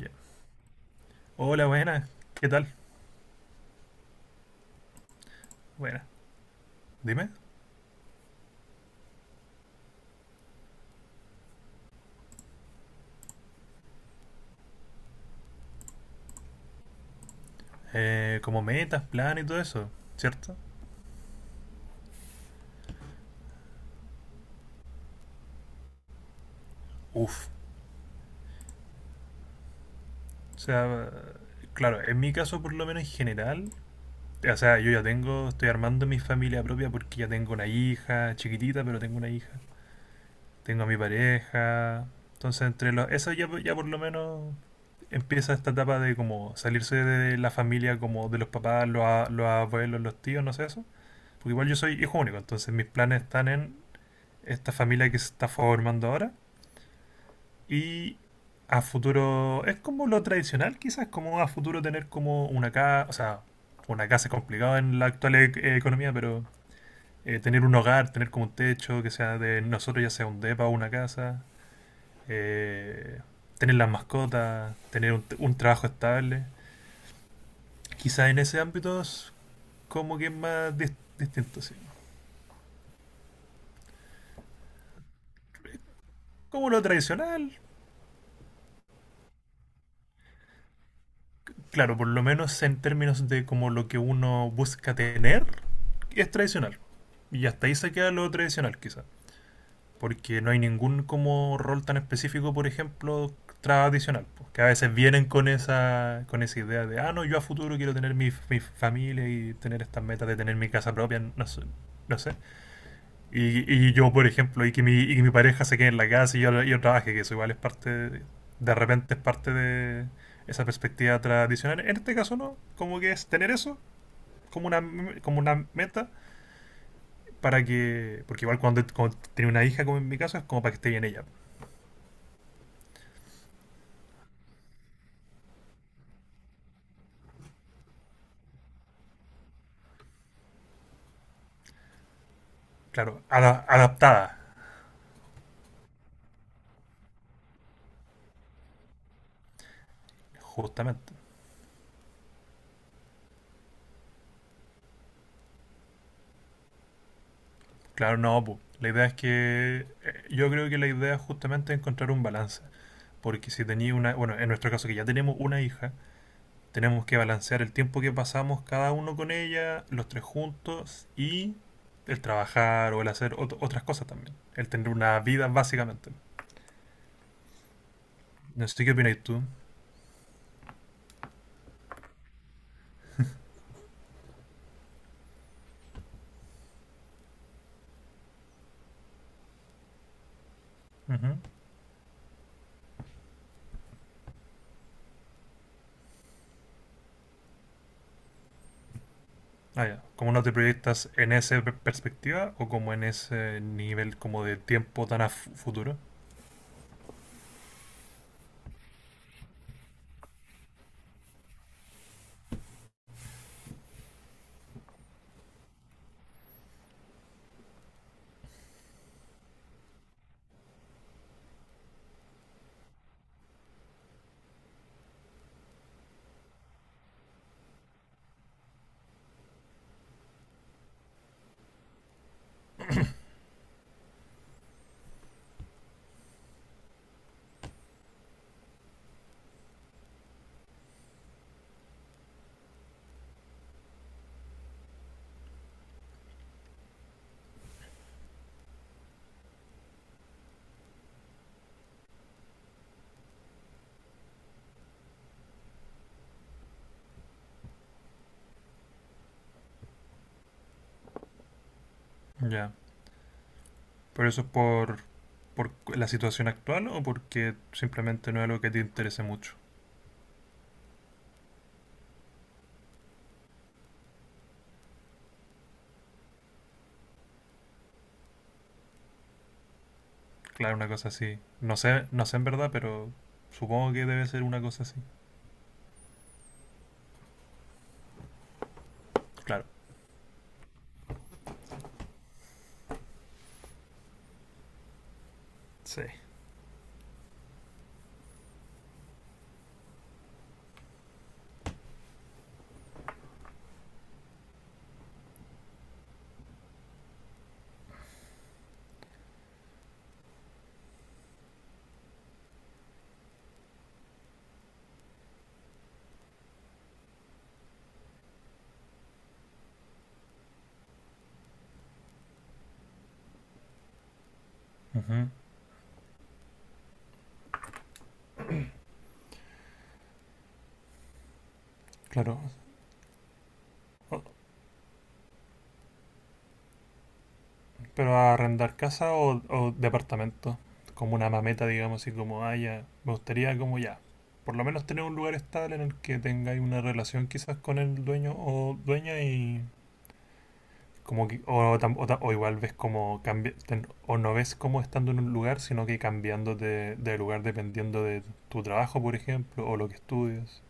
Ya. Hola, buenas. ¿Qué tal? Buenas. Dime. Como metas, planes y todo eso, ¿cierto? Uf. O sea, claro, en mi caso por lo menos en general, o sea, estoy armando mi familia propia porque ya tengo una hija, chiquitita, pero tengo una hija. Tengo a mi pareja. Entonces, eso ya, ya por lo menos empieza esta etapa de como salirse de la familia, como de los papás, los abuelos, los tíos, no sé eso. Porque igual yo soy hijo único, entonces mis planes están en esta familia que se está formando ahora. Y a futuro, es como lo tradicional, quizás, como a futuro tener como una casa, o sea, una casa es complicado en la actual economía, pero tener un hogar, tener como un techo que sea de nosotros, ya sea un depa o una casa, eh, tener las mascotas, tener un trabajo estable. Quizás en ese ámbito es como que es más distinto, sí. Como lo tradicional, claro, por lo menos en términos de como lo que uno busca tener, es tradicional. Y hasta ahí se queda lo tradicional, quizás. Porque no hay ningún como rol tan específico, por ejemplo, tradicional. Pues, que a veces vienen con esa idea de, ah, no, yo a futuro quiero tener mi familia y tener estas metas de tener mi casa propia. No sé. No sé. Y yo, por ejemplo, y que mi pareja se quede en la casa y yo trabaje, que eso igual es parte, de repente es parte de esa perspectiva tradicional. En este caso no, como que es tener eso como una, como una meta para que. Porque igual cuando tenía una hija, como en mi caso, es como para que esté bien ella. Claro, adaptada, justamente. Claro, no, pu. La idea es que. Yo creo que la idea es justamente es encontrar un balance. Porque si tenía una. Bueno, en nuestro caso, que ya tenemos una hija, tenemos que balancear el tiempo que pasamos cada uno con ella, los tres juntos, y el trabajar o el hacer otras cosas también. El tener una vida, básicamente. No sé qué opináis tú. Ujú. Ah, ya. ¿Cómo no te proyectas en esa perspectiva o como en ese nivel como de tiempo tan a futuro? Ya. ¿Pero eso es por la situación actual o porque simplemente no es algo que te interese mucho? Claro, una cosa así. No sé, no sé en verdad, pero supongo que debe ser una cosa así. Claro. Sí. Ujú. Claro. O- pero ¿a arrendar casa o departamento, como una mameta, digamos, así como, ah, ya, me gustaría como ya, por lo menos tener un lugar estable en el que tengáis una relación quizás con el dueño o dueña y como que, o, o igual ves como cambia, ten- o no ves como estando en un lugar, sino que cambiando de lugar dependiendo de tu trabajo, por ejemplo, o lo que estudias?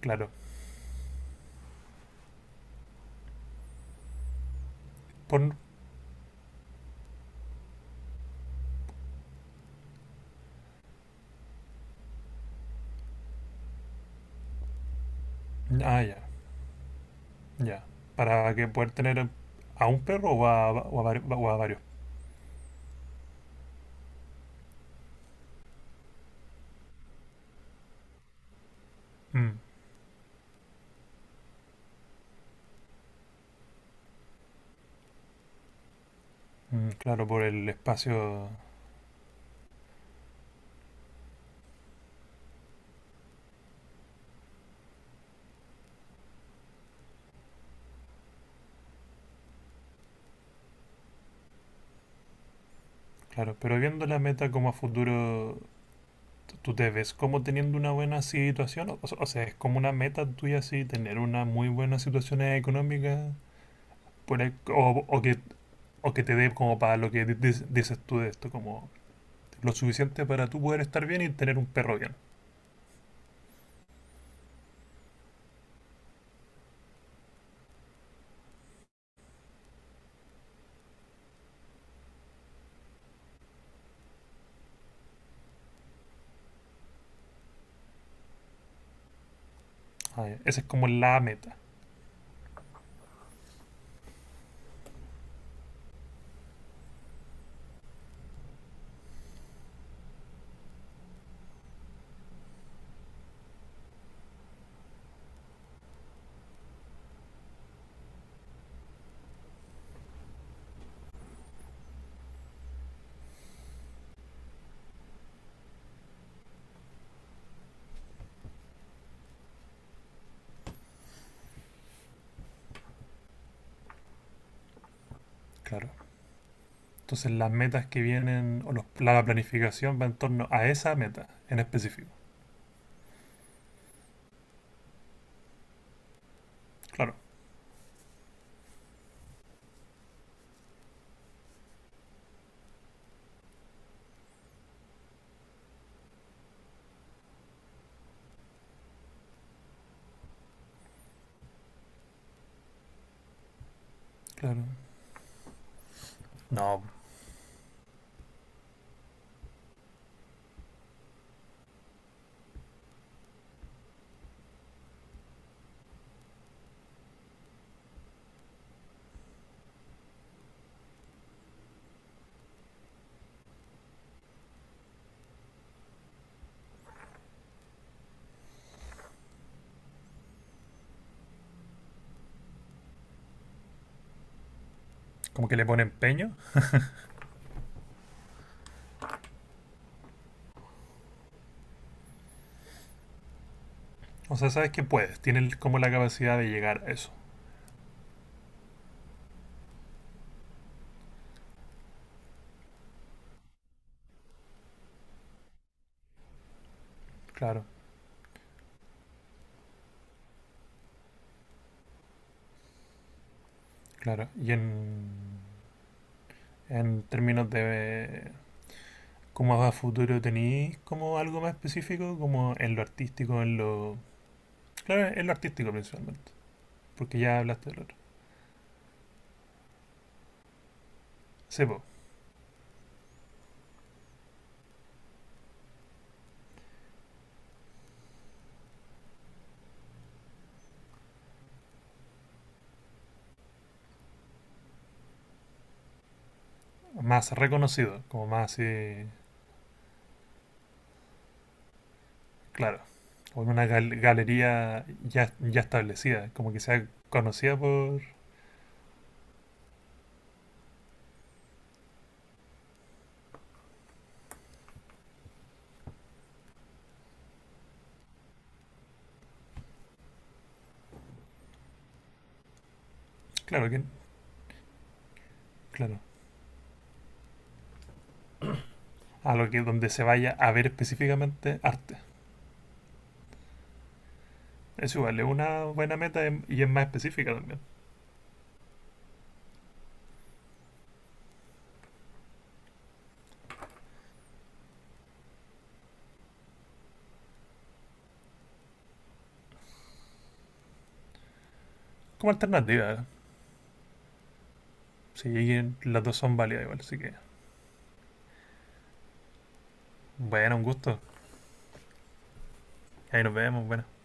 Claro. Por, ah, ya, ya. Para que poder tener a un perro o a, o a o a varios. Mm. Mm, claro, por el espacio, claro. Pero viendo la meta como a futuro, t- ¿tú te ves como teniendo una buena situación? O sea, ¿es como una meta tuya así tener una muy buena situación económica? Por ahí, o que te dé como para lo que dices tú de esto, como lo suficiente para tú poder estar bien y tener un perro bien. Ah, ya. Esa es como la meta, claro. Entonces las metas que vienen, o los- la planificación va en torno a esa meta en específico. Claro, claro. No, como que le pone empeño. O sea, sabes que puedes, tienes como la capacidad de llegar a eso. Claro, claro. Y en términos de cómo va a futuro, ¿tenéis como algo más específico? Como en lo artístico, en lo... Claro, en lo artístico principalmente, porque ya hablaste del otro. Sebo, más reconocido, como más así, claro, como una galería ya, ya establecida, como que sea conocida por... Claro, que, claro. A lo que donde se vaya a ver específicamente arte. Es igual, es una buena meta, y es más específica también. Como alternativa, sí, las dos son válidas igual, así que bueno, un gusto. Ahí nos vemos, buenas